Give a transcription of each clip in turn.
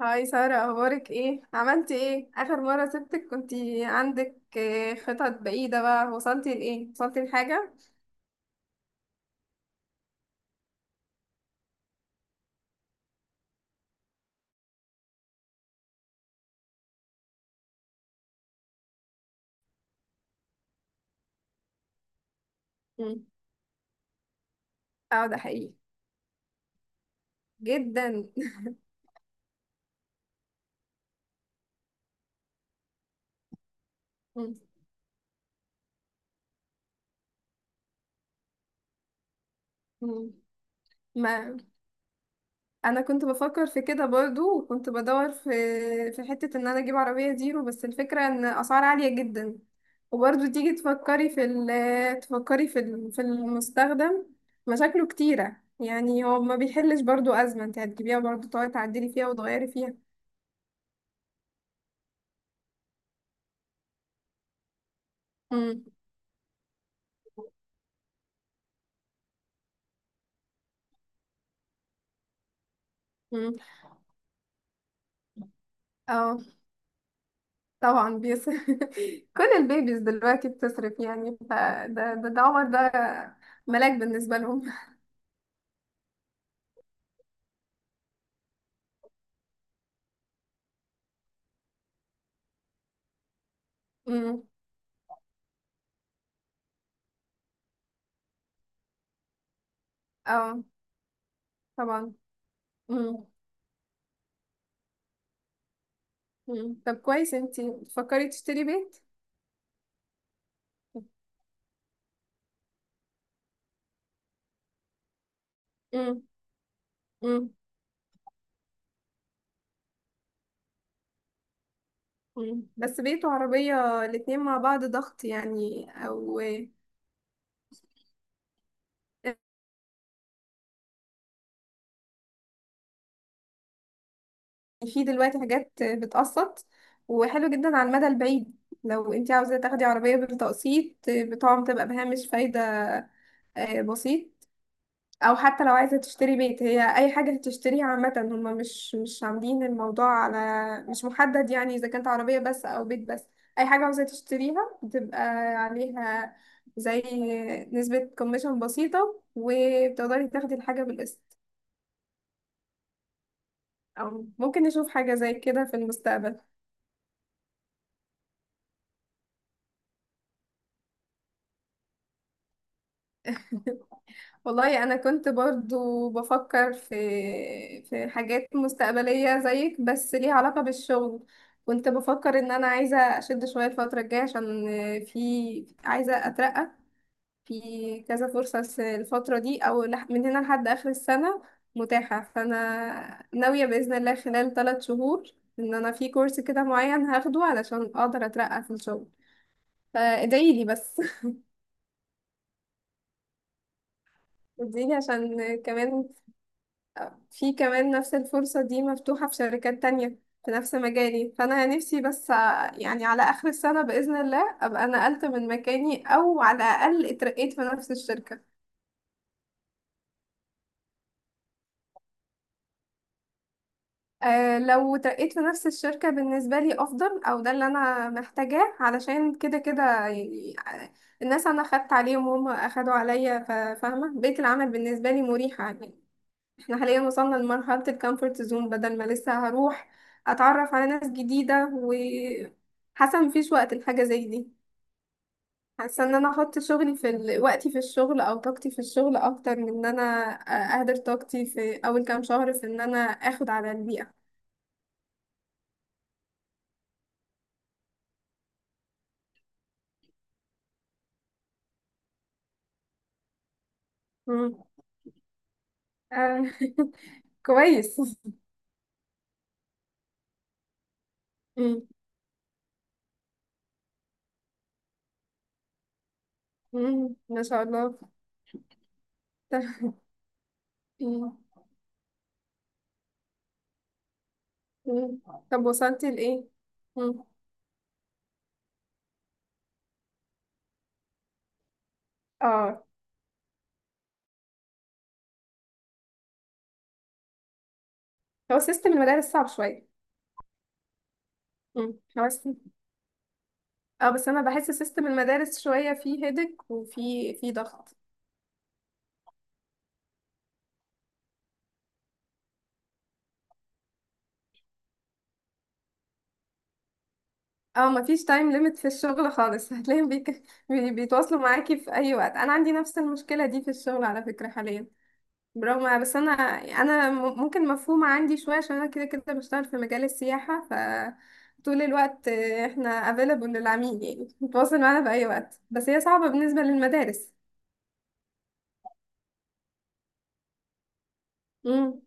هاي سارة، أخبارك إيه؟ عملتي إيه؟ آخر مرة سبتك كنتي عندك خطط بعيدة. بقى وصلتي لإيه؟ وصلتي لحاجة؟ مم. اه، ده حقيقي جدا. مم. مم. ما أنا كنت بفكر في كده برضو، وكنت بدور في حتة إن أنا أجيب عربية زيرو، بس الفكرة إن أسعار عالية جدا. وبرضو تيجي تفكري في ال في المستخدم مشاكله كتيرة، يعني هو ما بيحلش برضو أزمة، انت هتجيبيها برضو تقعدي تعدلي فيها وتغيري فيها. مم. اه طبعا بيص... كل البيبيز دلوقتي بتصرف يعني، فده ده عمر، ده ملاك بالنسبة لهم. مم. اه طبعا. مم. مم. طب كويس، انتي بتفكري تشتري بيت. مم. مم. مم. بس بيت وعربية الاتنين مع بعض ضغط يعني، او يعني في دلوقتي حاجات بتقسط، وحلو جدا على المدى البعيد. لو انتي عاوزة تاخدي عربية بالتقسيط بتقوم تبقى بهامش فايدة بسيط. او حتى لو عايزه تشتري بيت، هي اي حاجه هتشتريها عامه، هم مش عاملين الموضوع على مش محدد يعني، اذا كانت عربيه بس او بيت بس، اي حاجه عاوزه تشتريها بتبقى عليها زي نسبه كوميشن بسيطه، وبتقدري تاخدي الحاجه بالقسط. او ممكن نشوف حاجه زي كده في المستقبل. والله انا كنت برضو بفكر في حاجات مستقبليه زيك، بس ليها علاقه بالشغل. كنت بفكر ان انا عايزه اشد شويه الفتره الجايه، عشان في عايزه اترقى. في كذا فرصه الفتره دي، او من هنا لحد اخر السنه متاحه. فانا ناويه باذن الله خلال 3 شهور ان انا في كورس كده معين هاخده علشان اقدر اترقى في الشغل. فادعيلي بس. ادعيلي عشان كمان في كمان نفس الفرصة دي مفتوحة في شركات تانية في نفس مجالي. فأنا نفسي بس على آخر السنة بإذن الله أبقى نقلت من مكاني، أو على الأقل اترقيت في نفس الشركة. أه، لو اترقيت في نفس الشركة بالنسبة لي أفضل، أو ده اللي أنا محتاجاه، علشان كده كده يعني الناس أنا خدت عليهم وهم أخدوا عليا، فاهمة بيئة العمل بالنسبة لي مريحة يعني. احنا حاليا وصلنا لمرحلة الكومفورت زون، بدل ما لسه هروح اتعرف على ناس جديدة، وحاسة مفيش وقت لحاجة زي دي. حاسة ان انا احط شغلي وقتي في الشغل او طاقتي في الشغل، اكتر من ان انا اهدر طاقتي في اول كام شهر في ان انا اخد على البيئة. مم. آه، كويس. مم. مم. ما شاء الله. طب. مم. مم. طب، وصلتي لإيه؟ مم. اه. هو سيستم المدارس صعب شوية. مم. هو اه بس انا بحس سيستم المدارس شويه فيه هيدك، وفي ضغط. اه، مفيش تايم ليميت في الشغل خالص. هتلاقيهم بيك... بيتواصلوا معاكي في اي وقت. انا عندي نفس المشكله دي في الشغل على فكره حاليا، برغم بس انا يعني انا ممكن مفهومه عندي شويه عشان انا كده كده بشتغل في مجال السياحه، ف طول الوقت احنا available للعميل يعني، بيتواصل معانا في اي وقت، بس هي صعبه بالنسبه للمدارس. امم.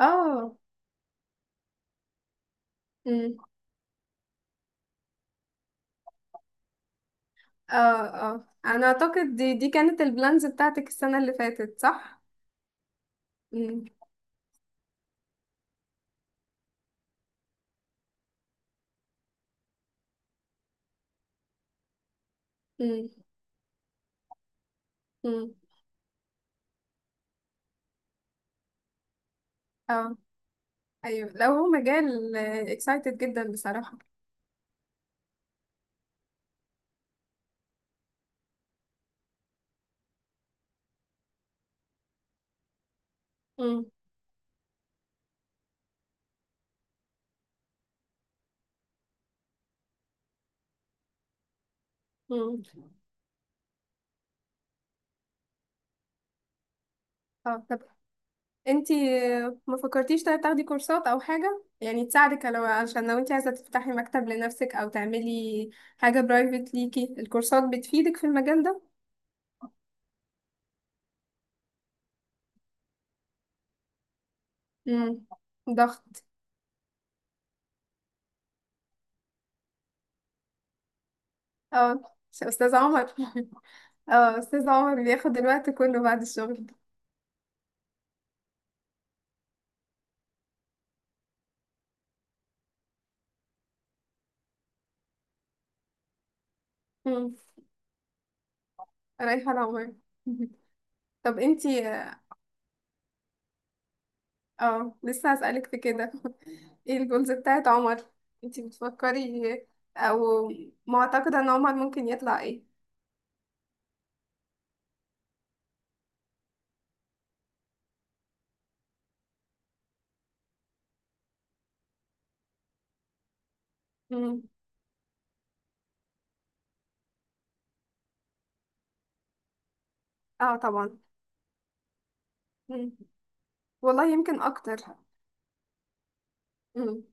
اه اه اه، انا اعتقد دي كانت البلانز بتاعتك السنة اللي فاتت، صح؟ امم. امم. امم. اه، ايوه، لو هو مجال اكسايتد جدا بصراحة. امم. امم. اه طب انتي، ما فكرتيش طيب تاخدي كورسات او حاجة يعني تساعدك، لو عشان لو انتي عايزة تفتحي مكتب لنفسك، او تعملي حاجة برايفت ليكي الكورسات بتفيدك في المجال ده؟ امم. ضغط. اه، استاذ عمر. اه، استاذ عمر بياخد الوقت كله بعد الشغل. ريحان عمر. طب انتي، اه لسه هسألك في كده. ايه الجولز بتاعت عمر؟ انتي بتفكري او معتقدة ان عمر ممكن يطلع ايه؟ مم. اه طبعا. مم. والله يمكن اكتر. مم.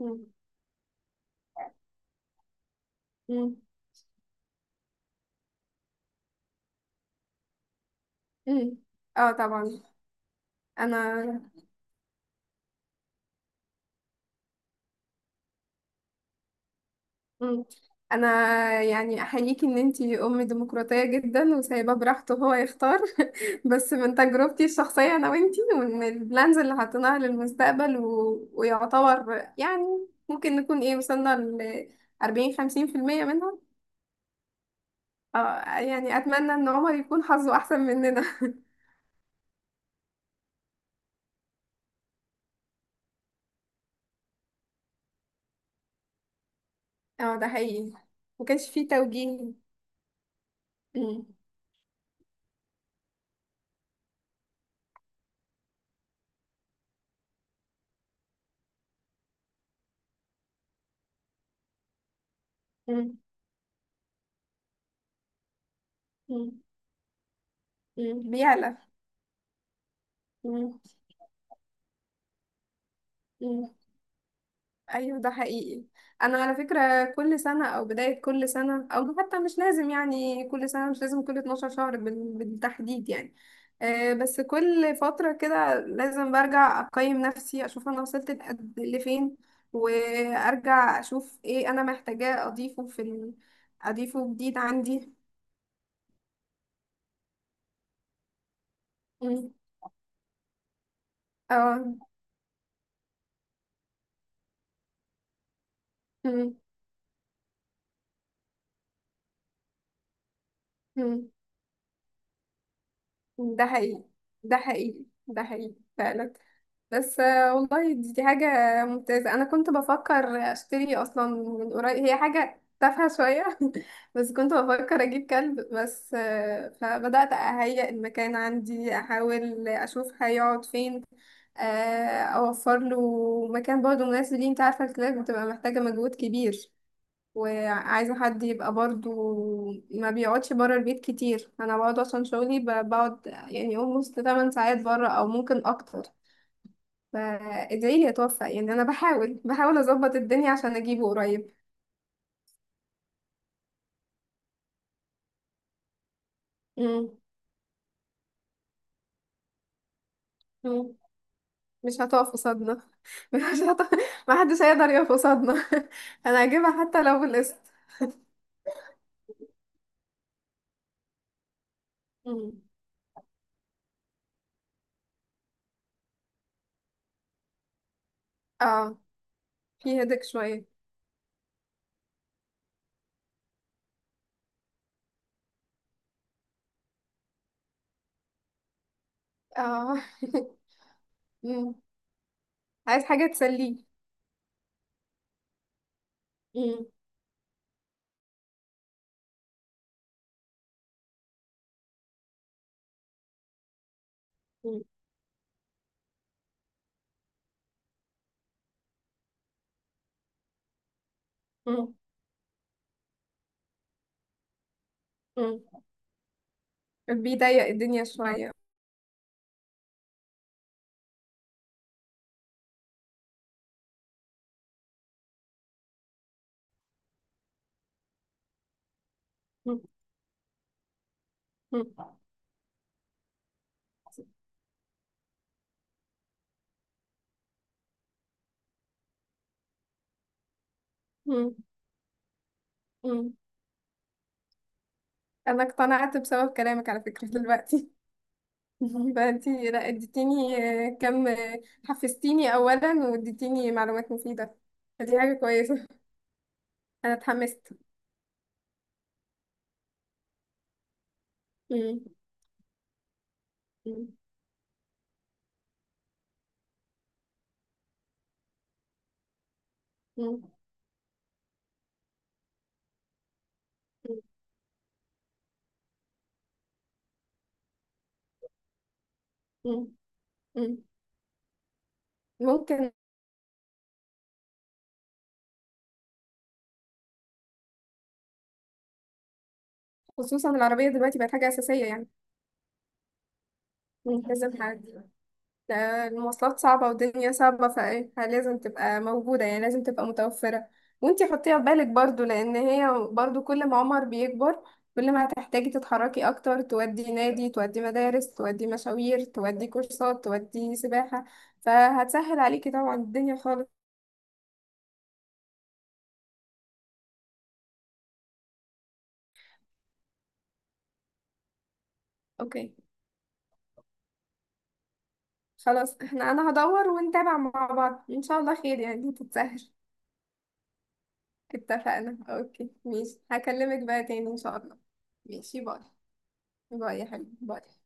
مم. مم. مم. اه طبعا. انا مم. انا يعني احييكي ان انتي ام ديمقراطيه جدا، وسايباه براحته هو يختار. بس من تجربتي الشخصيه انا وانتي، ومن البلانز اللي حاطيناها للمستقبل ويعتبر يعني ممكن نكون ايه وصلنا ل 40-50% منها. اه، يعني اتمنى ان عمر يكون حظه احسن مننا. اه، ده حقيقي. ما كانش فيه توجيه. مم. مم. مم. مم. بيعلى. مم. مم. ايوه، ده حقيقي. انا على فكره كل سنه، او بدايه كل سنه، او حتى مش لازم يعني كل سنه، مش لازم كل 12 شهر بالتحديد يعني. بس كل فتره كده لازم برجع اقيم نفسي، اشوف انا وصلت لفين، وارجع اشوف ايه انا محتاجاه اضيفه اضيفه جديد عندي. مم. اه. مم. مم. ده حقيقي. ده حقيقي، ده حقيقي فعلا. بس والله دي حاجة ممتازة. أنا كنت بفكر أشتري أصلا من قريب، هي حاجة تافهة شوية. بس كنت بفكر أجيب كلب بس، فبدأت أهيئ المكان عندي، أحاول أشوف هيقعد فين، آه، أوفر له مكان برضه مناسب ليه. أنت عارفة الكلاب بتبقى محتاجة مجهود كبير، وعايزة حد يبقى برضه ما بيقعدش برا البيت كتير. أنا بقعد عشان شغلي، بقعد يعني almost 8 ساعات برا أو ممكن أكتر. فادعي لي اتوفق يعني، انا بحاول بحاول اظبط الدنيا عشان اجيبه قريب. مم. مم. مش هتقف قصادنا. مش هتقف. ما حدش هيقدر يقف قصادنا. انا هجيبها حتى لو بالقسط. مم. اه، في هدك شوية. اه. مم. عايز حاجة تسليه. مم. مم. مم. مم. بيضيق الدنيا شوية. مم. مم. مم. مم. انا اقتنعت بسبب كلامك على فكرة دلوقتي. ده انتي لا اديتيني آه، كم آه، حفزتيني اولا، واديتيني معلومات مفيده. دي حاجه كويسه. انا اتحمست. مم. مم. مم. مم. مم. ممكن. خصوصا العربيه دلوقتي بقت حاجه اساسيه يعني. مم. لازم حد. ده المواصلات صعبة والدنيا صعبة، فايه لازم تبقى موجودة، يعني لازم تبقى متوفرة. وانتي حطيها في بالك برضو، لأن هي برضو كل ما عمر بيكبر كل ما هتحتاجي تتحركي أكتر، تودي نادي، تودي مدارس، تودي مشاوير، تودي كورسات، تودي سباحة، فهتسهل عليكي طبعا الدنيا خالص. اوكي. خلاص انا هدور ونتابع مع بعض ان شاء الله، خير يعني تتسهل. اتفقنا. اوكي ماشي، هكلمك بقى تاني ان شاء الله. ماشي، باي. باي يا حبيبي، باي.